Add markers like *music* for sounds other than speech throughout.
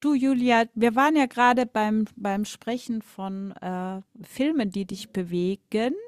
Du, Julia, wir waren ja gerade beim Sprechen von Filmen, die dich bewegen. *laughs*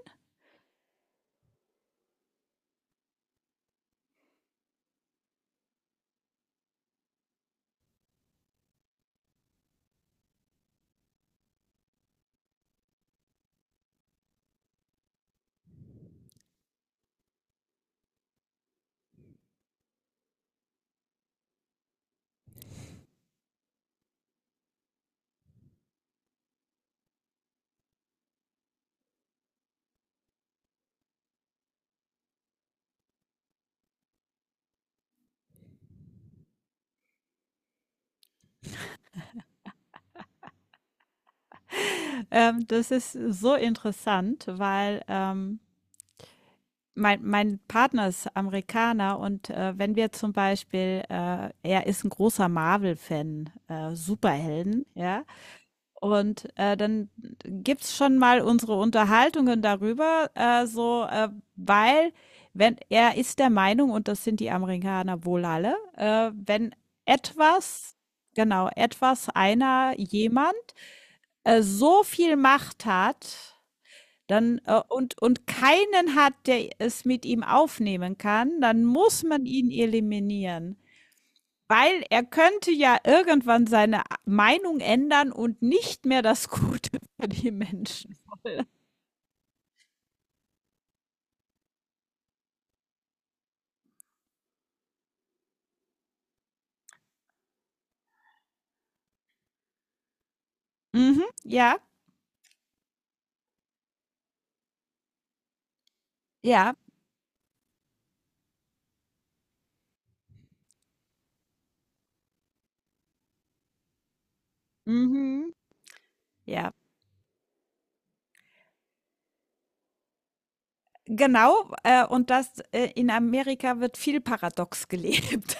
Das ist so interessant, weil mein Partner ist Amerikaner und wenn wir zum Beispiel, er ist ein großer Marvel-Fan, Superhelden, ja. Und dann gibt's schon mal unsere Unterhaltungen darüber, so, weil wenn er ist der Meinung, und das sind die Amerikaner wohl alle, wenn etwas, genau, jemand so viel Macht hat, dann und keinen hat, der es mit ihm aufnehmen kann, dann muss man ihn eliminieren. Weil er könnte ja irgendwann seine Meinung ändern und nicht mehr das *laughs* Gute für die Menschen. Mhm, ja, ja, mhm, ja. Genau, und das in Amerika wird viel paradox gelebt.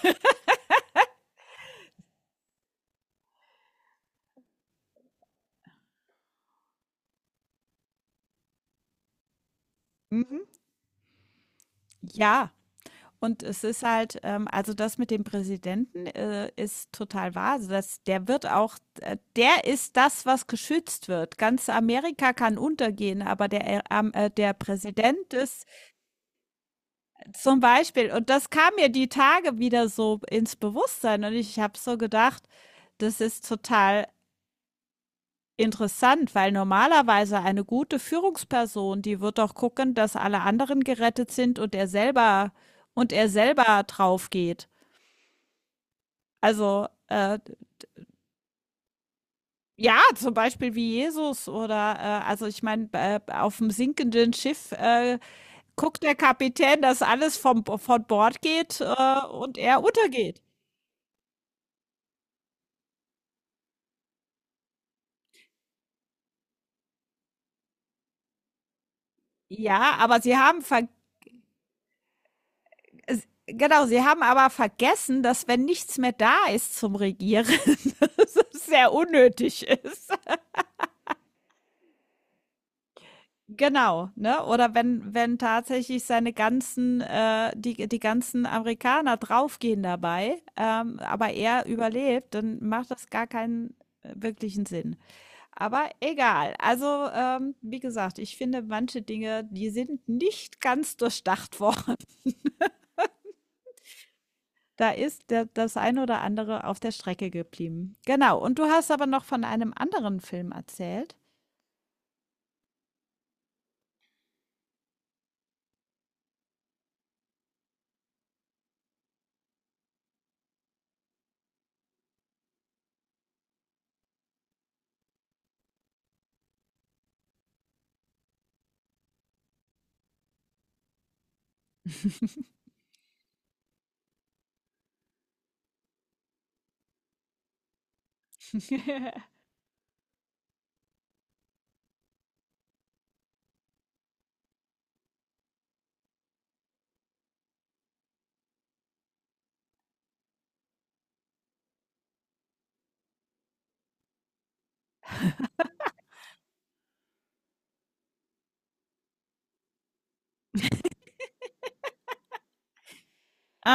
*laughs* Mhm, ja. Und es ist halt, also das mit dem Präsidenten ist total wahr. Also das, der wird auch, der ist das, was geschützt wird. Ganz Amerika kann untergehen, aber der, der Präsident ist zum Beispiel. Und das kam mir die Tage wieder so ins Bewusstsein. Und ich habe so gedacht, das ist total interessant, weil normalerweise eine gute Führungsperson, die wird doch gucken, dass alle anderen gerettet sind und er selber drauf geht. Also ja, zum Beispiel wie Jesus oder also ich meine, auf dem sinkenden Schiff guckt der Kapitän, dass alles von Bord geht und er untergeht. Ja, aber sie haben ver Es, genau, sie haben aber vergessen, dass wenn nichts mehr da ist zum Regieren, *laughs* dass es sehr unnötig ist. Genau, ne? Oder wenn tatsächlich seine ganzen, die ganzen Amerikaner draufgehen dabei, aber er überlebt, dann macht das gar keinen wirklichen Sinn. Aber egal. Also, wie gesagt, ich finde manche Dinge, die sind nicht ganz durchdacht *laughs* worden. Da ist der das ein oder andere auf der Strecke geblieben. Genau, und du hast aber noch von einem anderen Film erzählt? *laughs*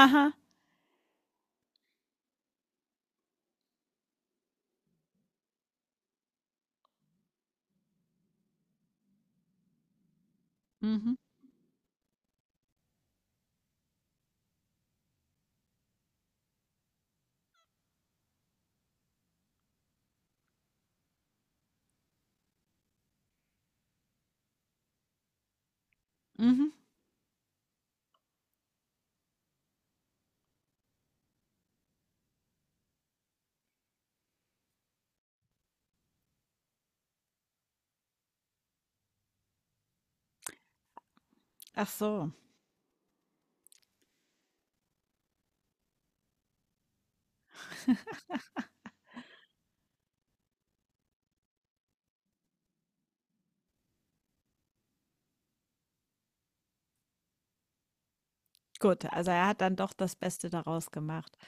Aha. Mhm, mhm. Ach so. Gut, also er hat dann doch das Beste daraus gemacht.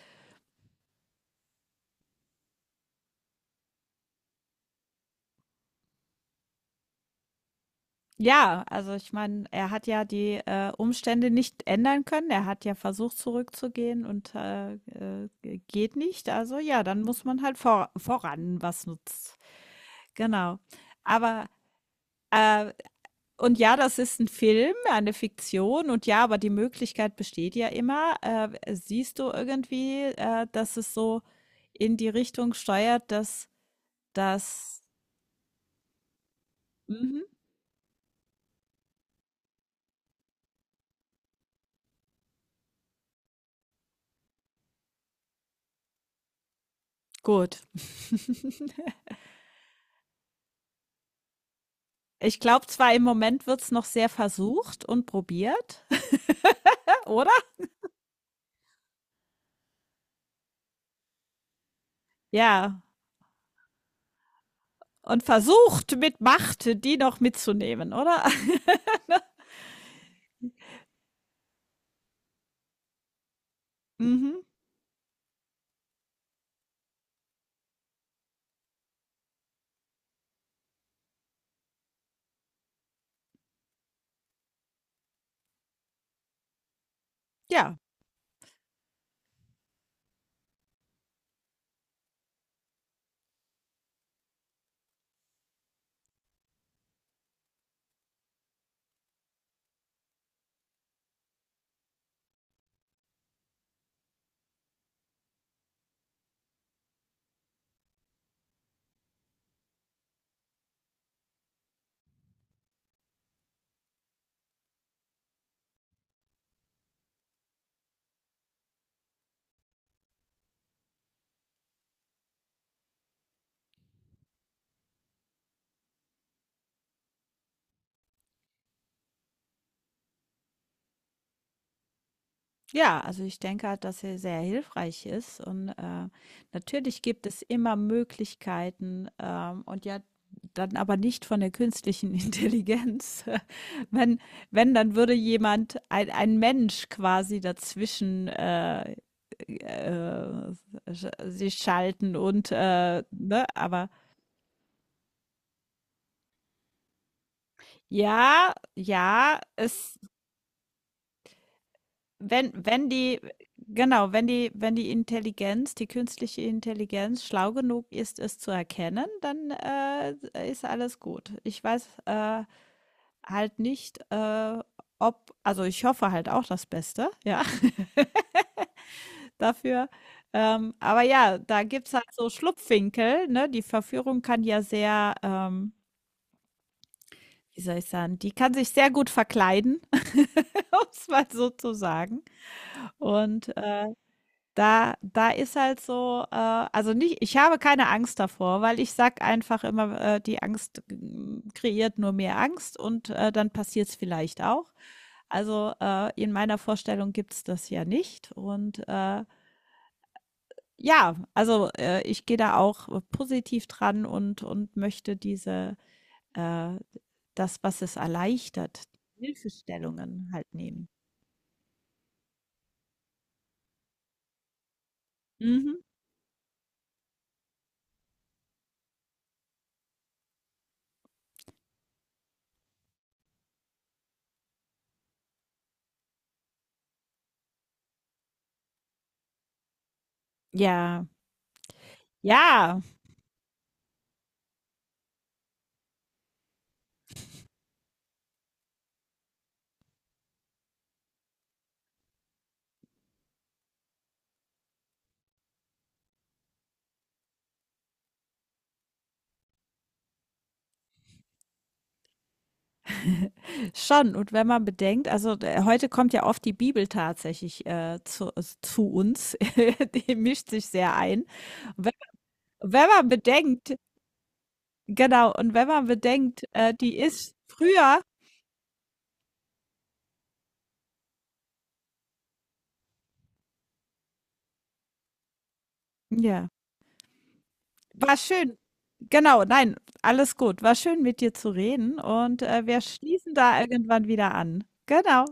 Ja, also ich meine, er hat ja die, Umstände nicht ändern können. Er hat ja versucht, zurückzugehen geht nicht. Also ja, dann muss man halt voran, was nutzt. Genau. Aber, äh und ja, das ist ein Film, eine Fiktion und ja, aber die Möglichkeit besteht ja immer. Siehst du irgendwie, dass es so in die Richtung steuert, dass das mhm, gut. *laughs* Ich glaube zwar, im Moment wird's noch sehr versucht und probiert, *laughs* oder? Ja, und versucht mit Macht die noch mitzunehmen, oder? *laughs* Mhm, ja. Ja, also ich denke halt, dass er sehr hilfreich ist und, natürlich gibt es immer Möglichkeiten, und ja, dann aber nicht von der künstlichen *laughs* Intelligenz. Wenn wenn, dann würde jemand ein Mensch quasi dazwischen, äh, sch sich schalten und, ne, aber ja, ja, es Wenn wenn die genau, wenn die Intelligenz, die künstliche Intelligenz schlau genug ist, es zu erkennen, dann, ist alles gut. Ich weiß, halt nicht, ob also, ich hoffe halt auch das Beste, ja, *laughs* dafür. Aber ja, da gibt's halt so Schlupfwinkel, ne? Die Verführung kann ja sehr, wie soll ich sagen, die kann sich sehr gut verkleiden, *laughs* um es mal so zu sagen. Und, Da da ist halt so, also nicht, ich habe keine Angst davor, weil ich sag einfach immer, die Angst, hm, kreiert nur mehr Angst und, dann passiert es vielleicht auch. Also, in meiner Vorstellung gibt's das ja nicht und, ja, also, ich gehe da auch positiv dran und möchte diese, äh das, was es erleichtert, Hilfestellungen halt nehmen. Mhm. Ja. Ja. Schon, und wenn man bedenkt, also d heute kommt ja oft die Bibel tatsächlich, zu s zu uns, *laughs* die mischt sich sehr ein. Wenn wenn man bedenkt genau, und wenn man bedenkt, die ist früher ja, war schön. Genau, nein, alles gut. War schön, mit dir zu reden und, wir schließen da irgendwann wieder an. Genau.